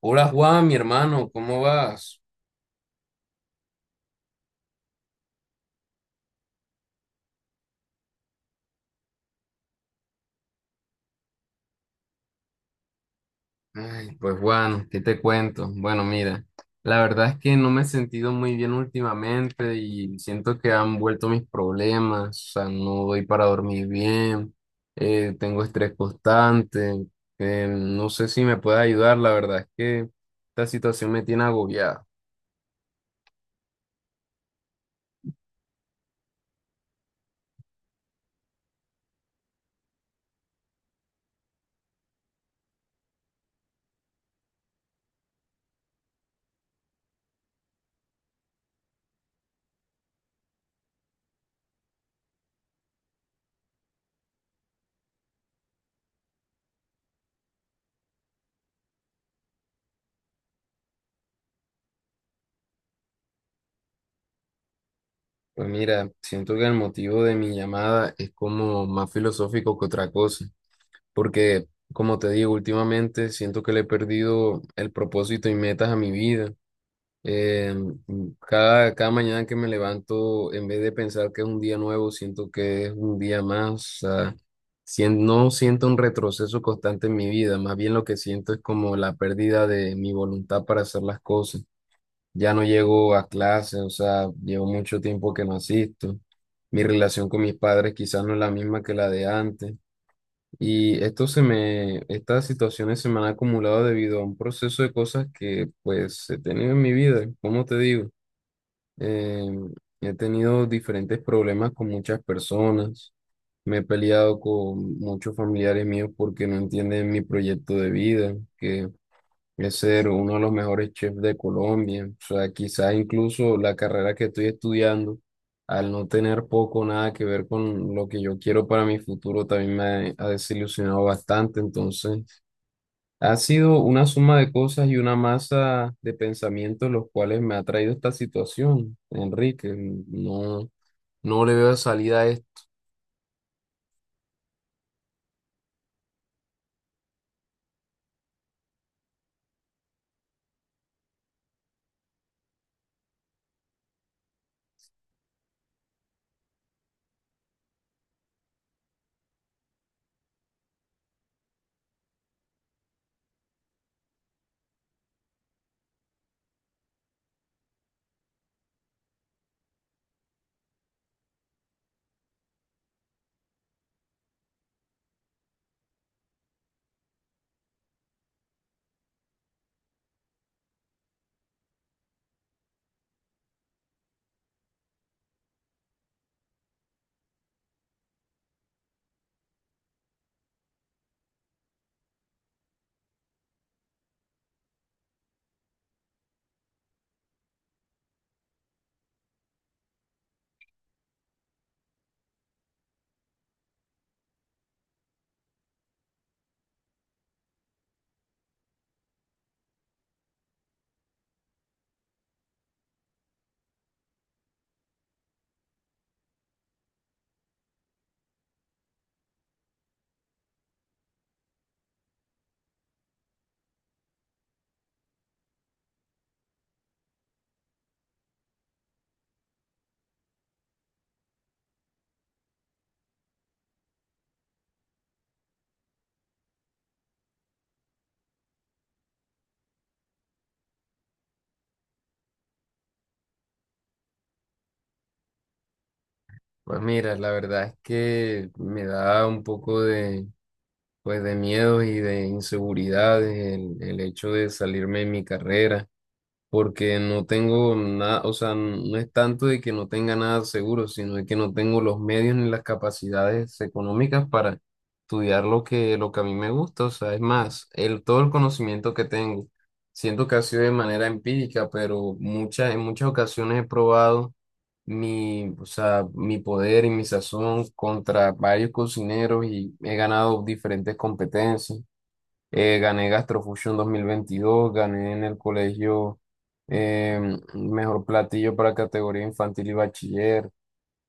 Hola Juan, mi hermano, ¿cómo vas? Ay, pues Juan, ¿qué te cuento? Bueno, mira, la verdad es que no me he sentido muy bien últimamente y siento que han vuelto mis problemas, o sea, no doy para dormir bien, tengo estrés constante, no sé si me puedes ayudar, la verdad es que esta situación me tiene agobiado. Pues mira, siento que el motivo de mi llamada es como más filosófico que otra cosa, porque, como te digo, últimamente siento que le he perdido el propósito y metas a mi vida. Eh, cada mañana que me levanto, en vez de pensar que es un día nuevo, siento que es un día más. O sea, no siento un retroceso constante en mi vida, más bien lo que siento es como la pérdida de mi voluntad para hacer las cosas. Ya no llego a clase, o sea, llevo mucho tiempo que no asisto. Mi relación con mis padres quizás no es la misma que la de antes. Y esto se me, estas situaciones se me han acumulado debido a un proceso de cosas que pues he tenido en mi vida, como te digo. Eh, he tenido diferentes problemas con muchas personas, me he peleado con muchos familiares míos porque no entienden mi proyecto de vida, que es ser uno de los mejores chefs de Colombia. O sea, quizás incluso la carrera que estoy estudiando, al no tener poco o nada que ver con lo que yo quiero para mi futuro, también me ha desilusionado bastante. Entonces, ha sido una suma de cosas y una masa de pensamientos los cuales me ha traído esta situación, Enrique. No, no le veo salida a esto. Pues mira, la verdad es que me da un poco de, pues, de miedos y de inseguridades, el hecho de salirme de mi carrera porque no tengo nada, o sea, no es tanto de que no tenga nada seguro, sino de que no tengo los medios ni las capacidades económicas para estudiar lo que a mí me gusta. O sea, es más, el, todo el conocimiento que tengo, siento que ha sido de manera empírica, pero muchas, en muchas ocasiones he probado mi, o sea, mi poder y mi sazón contra varios cocineros y he ganado diferentes competencias. Gané Gastrofusion 2022, gané en el colegio, mejor platillo para categoría infantil y bachiller.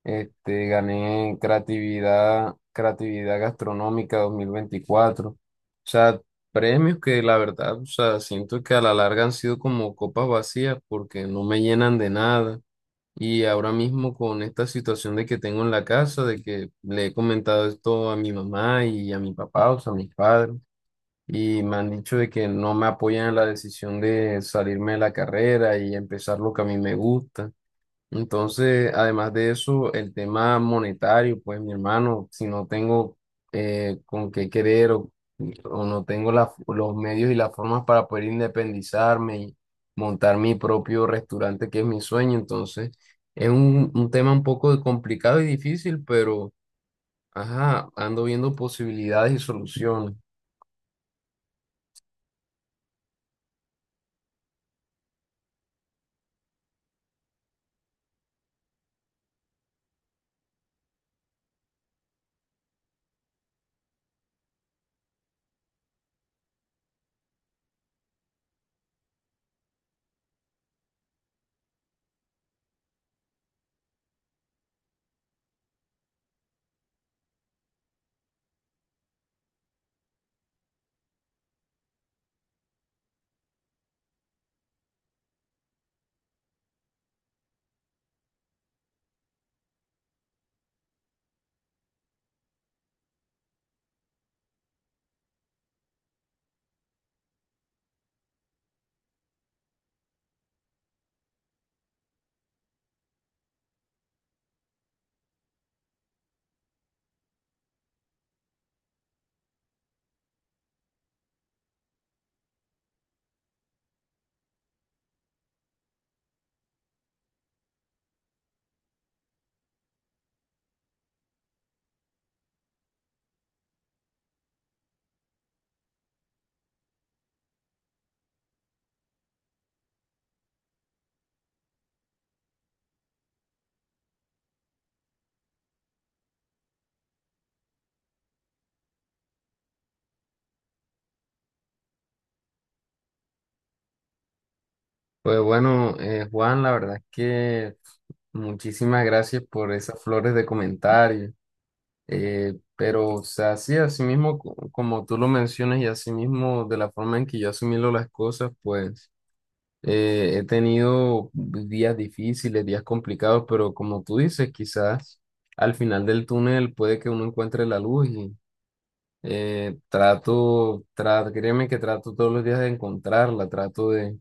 Este, gané creatividad, creatividad gastronómica 2024. O sea, premios que la verdad, o sea, siento que a la larga han sido como copas vacías porque no me llenan de nada. Y ahora mismo con esta situación de que tengo en la casa, de que le he comentado esto a mi mamá y a mi papá, o sea, a mis padres, y me han dicho de que no me apoyan en la decisión de salirme de la carrera y empezar lo que a mí me gusta. Entonces, además de eso, el tema monetario, pues mi hermano, si no tengo, con qué querer, o no tengo la- los medios y las formas para poder independizarme y montar mi propio restaurante, que es mi sueño, entonces es un tema un poco complicado y difícil, pero ajá, ando viendo posibilidades y soluciones. Pues bueno, Juan, la verdad es que muchísimas gracias por esas flores de comentario. Pero, o sea, sí, así mismo, como tú lo mencionas y así mismo de la forma en que yo asumí las cosas, pues he tenido días difíciles, días complicados, pero como tú dices, quizás al final del túnel puede que uno encuentre la luz y trato, créeme que trato todos los días de encontrarla, trato de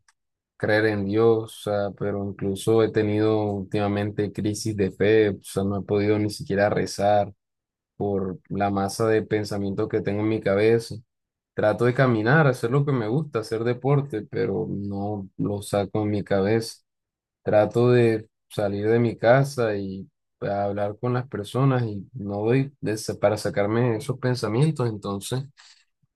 creer en Dios, o sea, pero incluso he tenido últimamente crisis de fe, o sea, no he podido ni siquiera rezar por la masa de pensamiento que tengo en mi cabeza. Trato de caminar, hacer lo que me gusta, hacer deporte, pero no lo saco en mi cabeza. Trato de salir de mi casa y hablar con las personas y no doy para sacarme esos pensamientos, entonces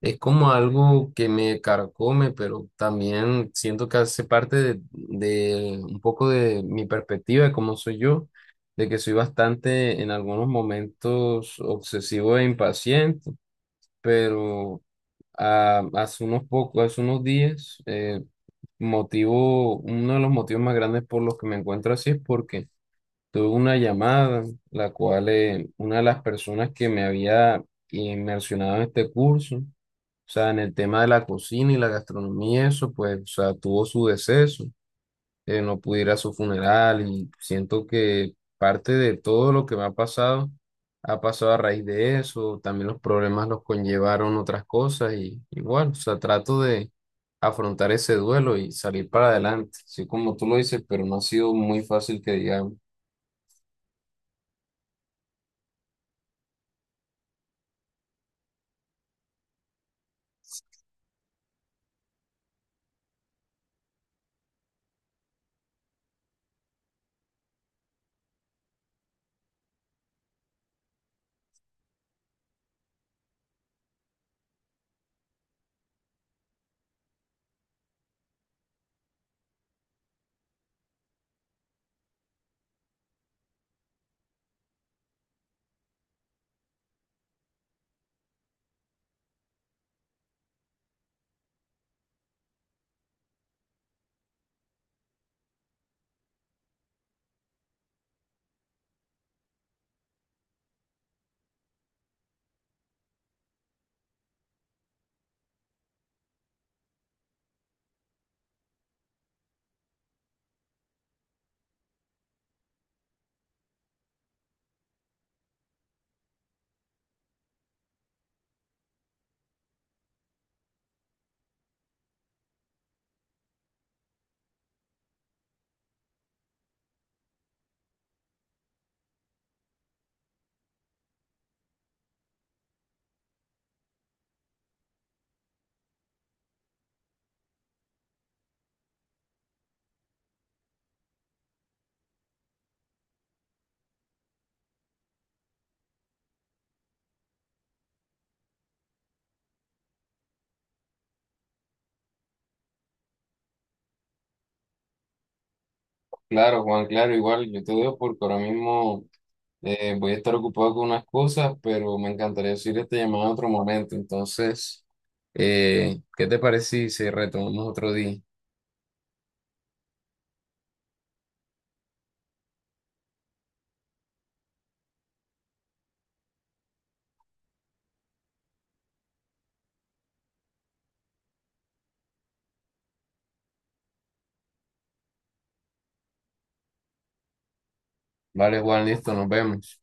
es como algo que me carcome, pero también siento que hace parte de un poco de mi perspectiva de cómo soy yo, de que soy bastante en algunos momentos obsesivo e impaciente, pero ah, hace unos pocos, hace unos días, motivo, uno de los motivos más grandes por los que me encuentro así es porque tuve una llamada, la cual una de las personas que me había inmersionado en este curso, o sea, en el tema de la cocina y la gastronomía, eso, pues, o sea, tuvo su deceso, no pude ir a su funeral y siento que parte de todo lo que me ha pasado a raíz de eso, también los problemas los conllevaron otras cosas y igual, o sea, trato de afrontar ese duelo y salir para adelante, así como tú lo dices, pero no ha sido muy fácil que digamos. Claro, Juan, claro, igual yo te veo porque ahora mismo... voy a estar ocupado con unas cosas, pero me encantaría decir esta llamada en otro momento. Entonces, ¿qué te parece si retomamos otro día? Vale, Juan, listo, nos vemos.